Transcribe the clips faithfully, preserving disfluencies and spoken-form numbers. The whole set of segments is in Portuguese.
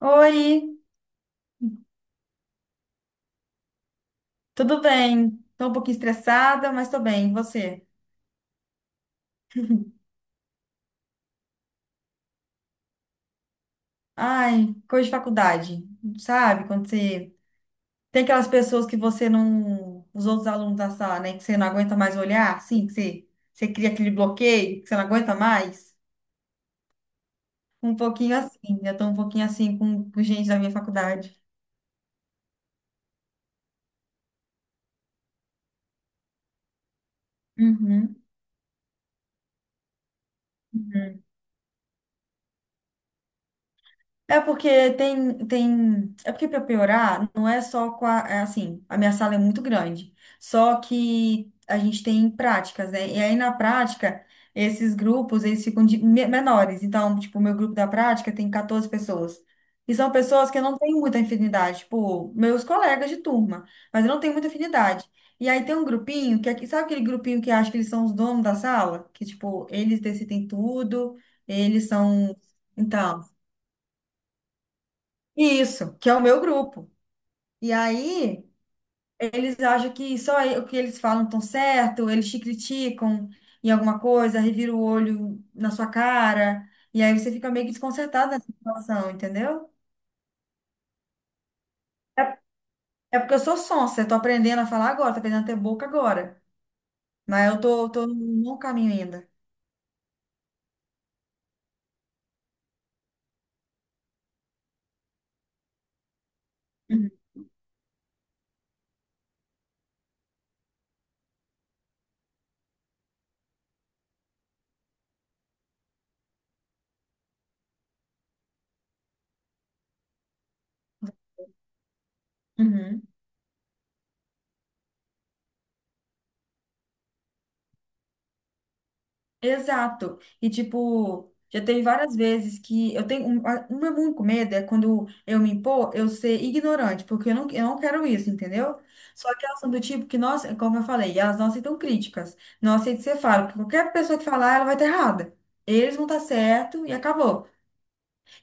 Oi, tudo bem? Tô um pouquinho estressada, mas tô bem. E você? Ai, coisa de faculdade, sabe? Quando você tem aquelas pessoas que você não, os outros alunos da sala, né, que você não aguenta mais olhar, assim, que você, você cria aquele bloqueio, que você não aguenta mais. Um pouquinho assim, eu tô um pouquinho assim com, com gente da minha faculdade. Uhum. É porque tem, tem. É porque para piorar, não é só com a. É assim, a minha sala é muito grande. Só que a gente tem práticas, né? E aí na prática, esses grupos, eles ficam de- me- menores. Então, tipo, o meu grupo da prática tem quatorze pessoas. E são pessoas que eu não tenho muita afinidade. Tipo, meus colegas de turma. Mas eu não tenho muita afinidade. E aí tem um grupinho que é. Sabe aquele grupinho que acha que eles são os donos da sala? Que, tipo, eles decidem tudo, eles são. Então. Isso, que é o meu grupo. E aí, eles acham que só o que eles falam estão certo, eles te criticam em alguma coisa, revira o olho na sua cara, e aí você fica meio que desconcertado nessa situação, entendeu? É, é porque eu sou sonsa, eu tô aprendendo a falar agora, tô aprendendo a ter boca agora. Mas eu tô, tô no bom caminho ainda. Uhum. Uhum. Exato. E, tipo, já teve várias vezes que eu tenho um, a- um meu único medo é quando eu me impor, eu ser ignorante, porque eu não, eu não quero isso, entendeu? Só que elas são do tipo que, nós, como eu falei, elas não aceitam críticas, não aceitam ser você fala, porque qualquer pessoa que falar, ela vai estar errada. Eles vão estar certo e acabou.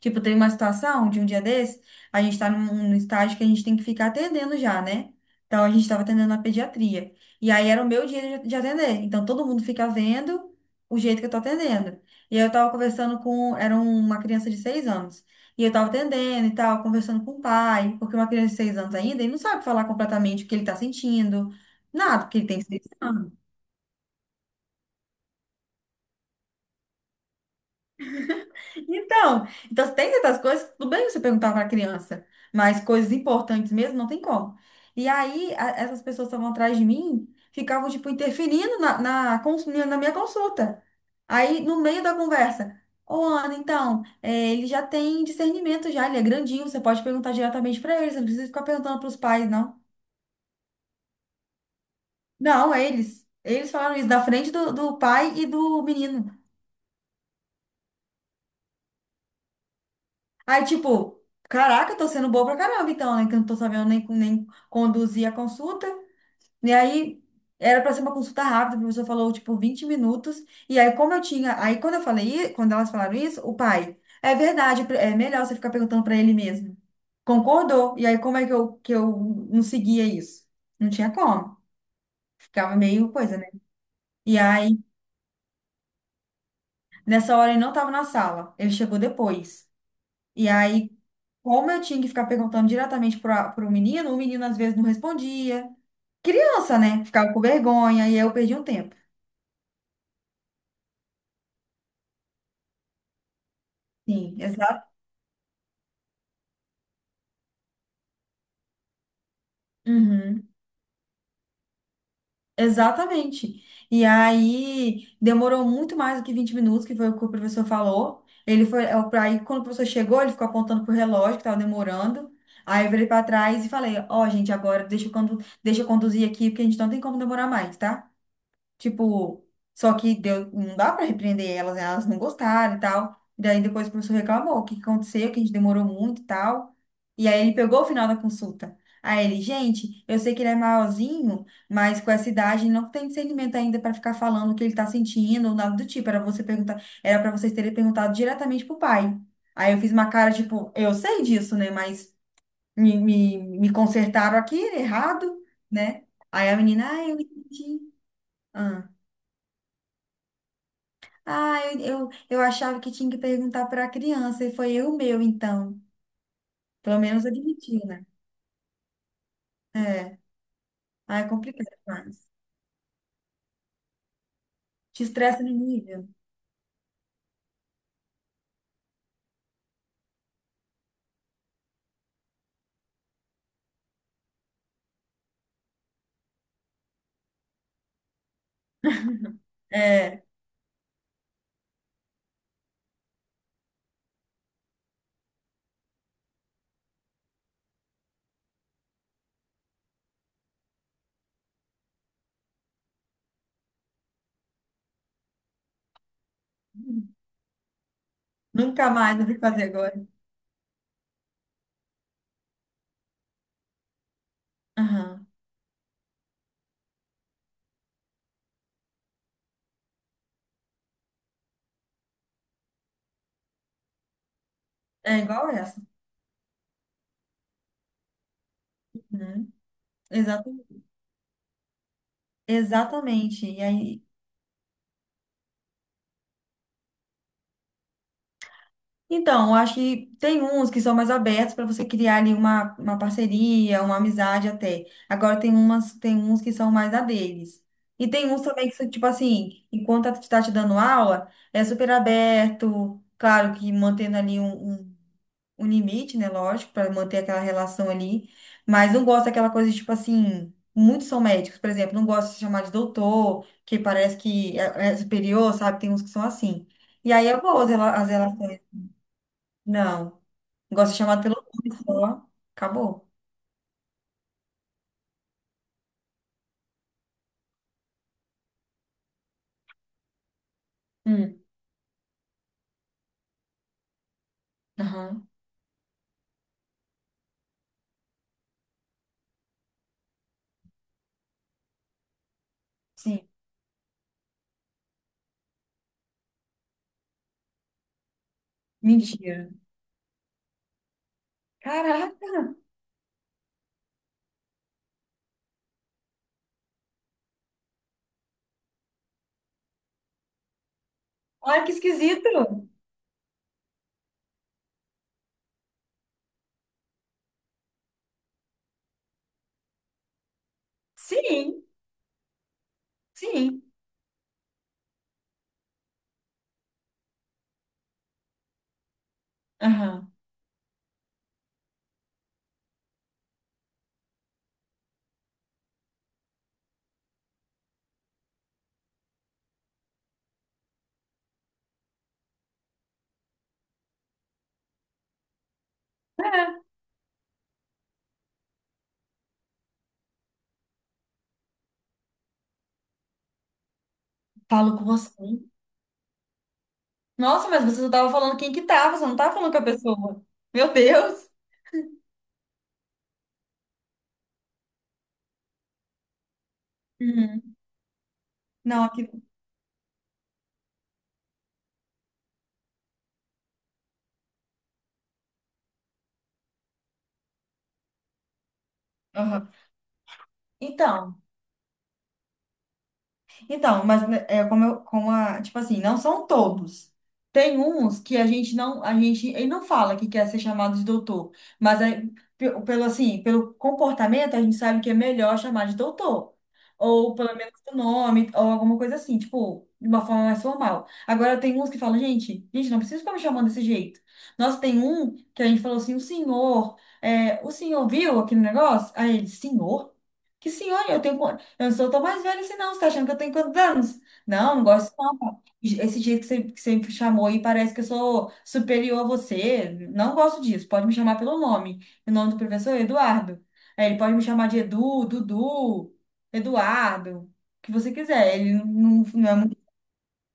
Tipo, tem uma situação de um dia desse, a gente tá num, num estágio que a gente tem que ficar atendendo já, né? Então a gente tava atendendo na pediatria. E aí era o meu dia de de atender. Então todo mundo fica vendo o jeito que eu tô atendendo. E aí eu tava conversando com, era uma criança de seis anos. E eu tava atendendo e tal, conversando com o pai, porque uma criança de seis anos ainda, ele não sabe falar completamente o que ele tá sentindo, nada, porque ele tem seis anos. Então, então tem certas coisas, tudo bem você perguntar para a criança, mas coisas importantes mesmo não tem como. E aí, a- essas pessoas que estavam atrás de mim, ficavam, tipo, interferindo na, na, cons- na minha consulta. Aí, no meio da conversa, ô Ana, então, é, ele já tem discernimento já, ele é grandinho, você pode perguntar diretamente para ele, você não precisa ficar perguntando para os pais, não. Não, eles. Eles falaram isso da frente do, do pai e do menino. Aí, tipo, caraca, eu tô sendo boa pra caramba, então, né? Que eu não tô sabendo nem, nem conduzir a consulta. E aí, era pra ser uma consulta rápida, o professor falou, tipo, vinte minutos. E aí, como eu tinha. Aí, quando eu falei, i- quando elas falaram isso, o pai, é verdade, é melhor você ficar perguntando pra ele mesmo. Concordou. E aí, como é que eu, que eu não seguia isso? Não tinha como. Ficava meio coisa, né? E aí, nessa hora, ele não estava na sala, ele chegou depois. E aí, como eu tinha que ficar perguntando diretamente para o menino, o menino às vezes não respondia. Criança, né? Ficava com vergonha e aí eu perdi um tempo. Sim, exa Uhum, exatamente. E aí demorou muito mais do que vinte minutos, que foi o que o professor falou. Ele foi, é, o- aí quando o professor chegou, ele ficou apontando pro relógio que estava demorando. Aí eu virei para trás e falei: Ó, gente, agora deixa eu, condu- deixa eu conduzir aqui, porque a gente não tem como demorar mais, tá? Tipo, só que deu, não dá pra repreender elas, né? Elas não gostaram e tal. Daí depois o professor reclamou, o que que aconteceu, que a gente demorou muito e tal. E aí ele pegou o final da consulta. Aí ele, gente, eu sei que ele é maiorzinho, mas com essa idade ele não tem discernimento ainda pra ficar falando o que ele tá sentindo ou nada do tipo. Era você perguntar, era para vocês terem perguntado diretamente pro pai. Aí eu fiz uma cara tipo, eu sei disso, né? Mas me, me, me consertaram aqui errado, né? Aí a menina, ah, eu entendi. Ah, eu, eu, eu achava que tinha que perguntar para a criança, e foi eu meu, então. Pelo menos admitiu, né? É. Ah, é complicado demais. Te estressa no nível. É. Nunca mais eu vou fazer agora. Aham. É igual essa. Uhum. Exata- Exatamente. E aí. Então, eu acho que tem uns que são mais abertos para você criar ali uma, uma parceria, uma amizade até. Agora tem umas, tem uns que são mais a deles. E tem uns também que, tipo assim, enquanto está te dando aula, é super aberto, claro que mantendo ali um, um, um limite, né? Lógico, para manter aquela relação ali. Mas não gosta daquela coisa, de, tipo assim, muitos são médicos, por exemplo, não gosta de se chamar de doutor, que parece que é, é superior, sabe? Tem uns que são assim. E aí eu vou, as relações. Não. Gosto de chamar pelo nome só. Acabou. Hum. Aham. Sim. Mentira. Caraca! Olha que esquisito! Sim, sim. Aham. É. Falo com você. Nossa, mas você só tava falando quem que tava, você não tava falando com a pessoa. Meu Deus! Uhum. Não, aqui. Aham. Então. Então, mas né, é como, eu, como a, tipo assim, não são todos. Tem uns que a gente não, a gente, ele não fala que quer ser chamado de doutor, mas é, pe- pelo assim, pelo comportamento a gente sabe que é melhor chamar de doutor, ou pelo menos o nome, ou alguma coisa assim, tipo, de uma forma mais formal. Agora tem uns que falam, gente, gente, não precisa ficar me chamando desse jeito. Nossa, tem um que a gente falou assim, o senhor, é, o senhor viu aquele negócio? Aí ele, senhor? Que senhor? Eu tenho. Eu não sou tão mais velha assim, não. Você tá achando que eu tenho quantos anos? Não, não gosto não, pá. Esse jeito que você, que você me chamou aí parece que eu sou superior a você. Não gosto disso. Pode me chamar pelo nome. O nome do professor é Eduardo. Aí ele pode me chamar de Edu, Dudu, Eduardo, o que você quiser. Ele não, não é muito,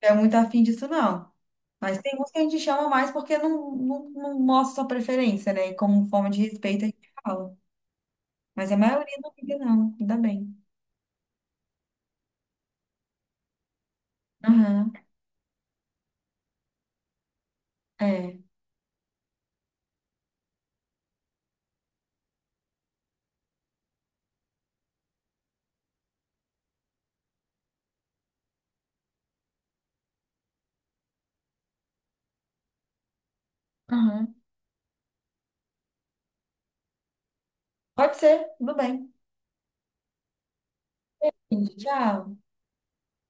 é muito afim disso, não. Mas tem uns que a gente chama mais porque não, não, não mostra sua preferência, né? E como forma de respeito a gente fala. Mas a maioria não liga, não. Ainda bem. Aham, é. Aham. Pode ser, tudo bem. Tchau.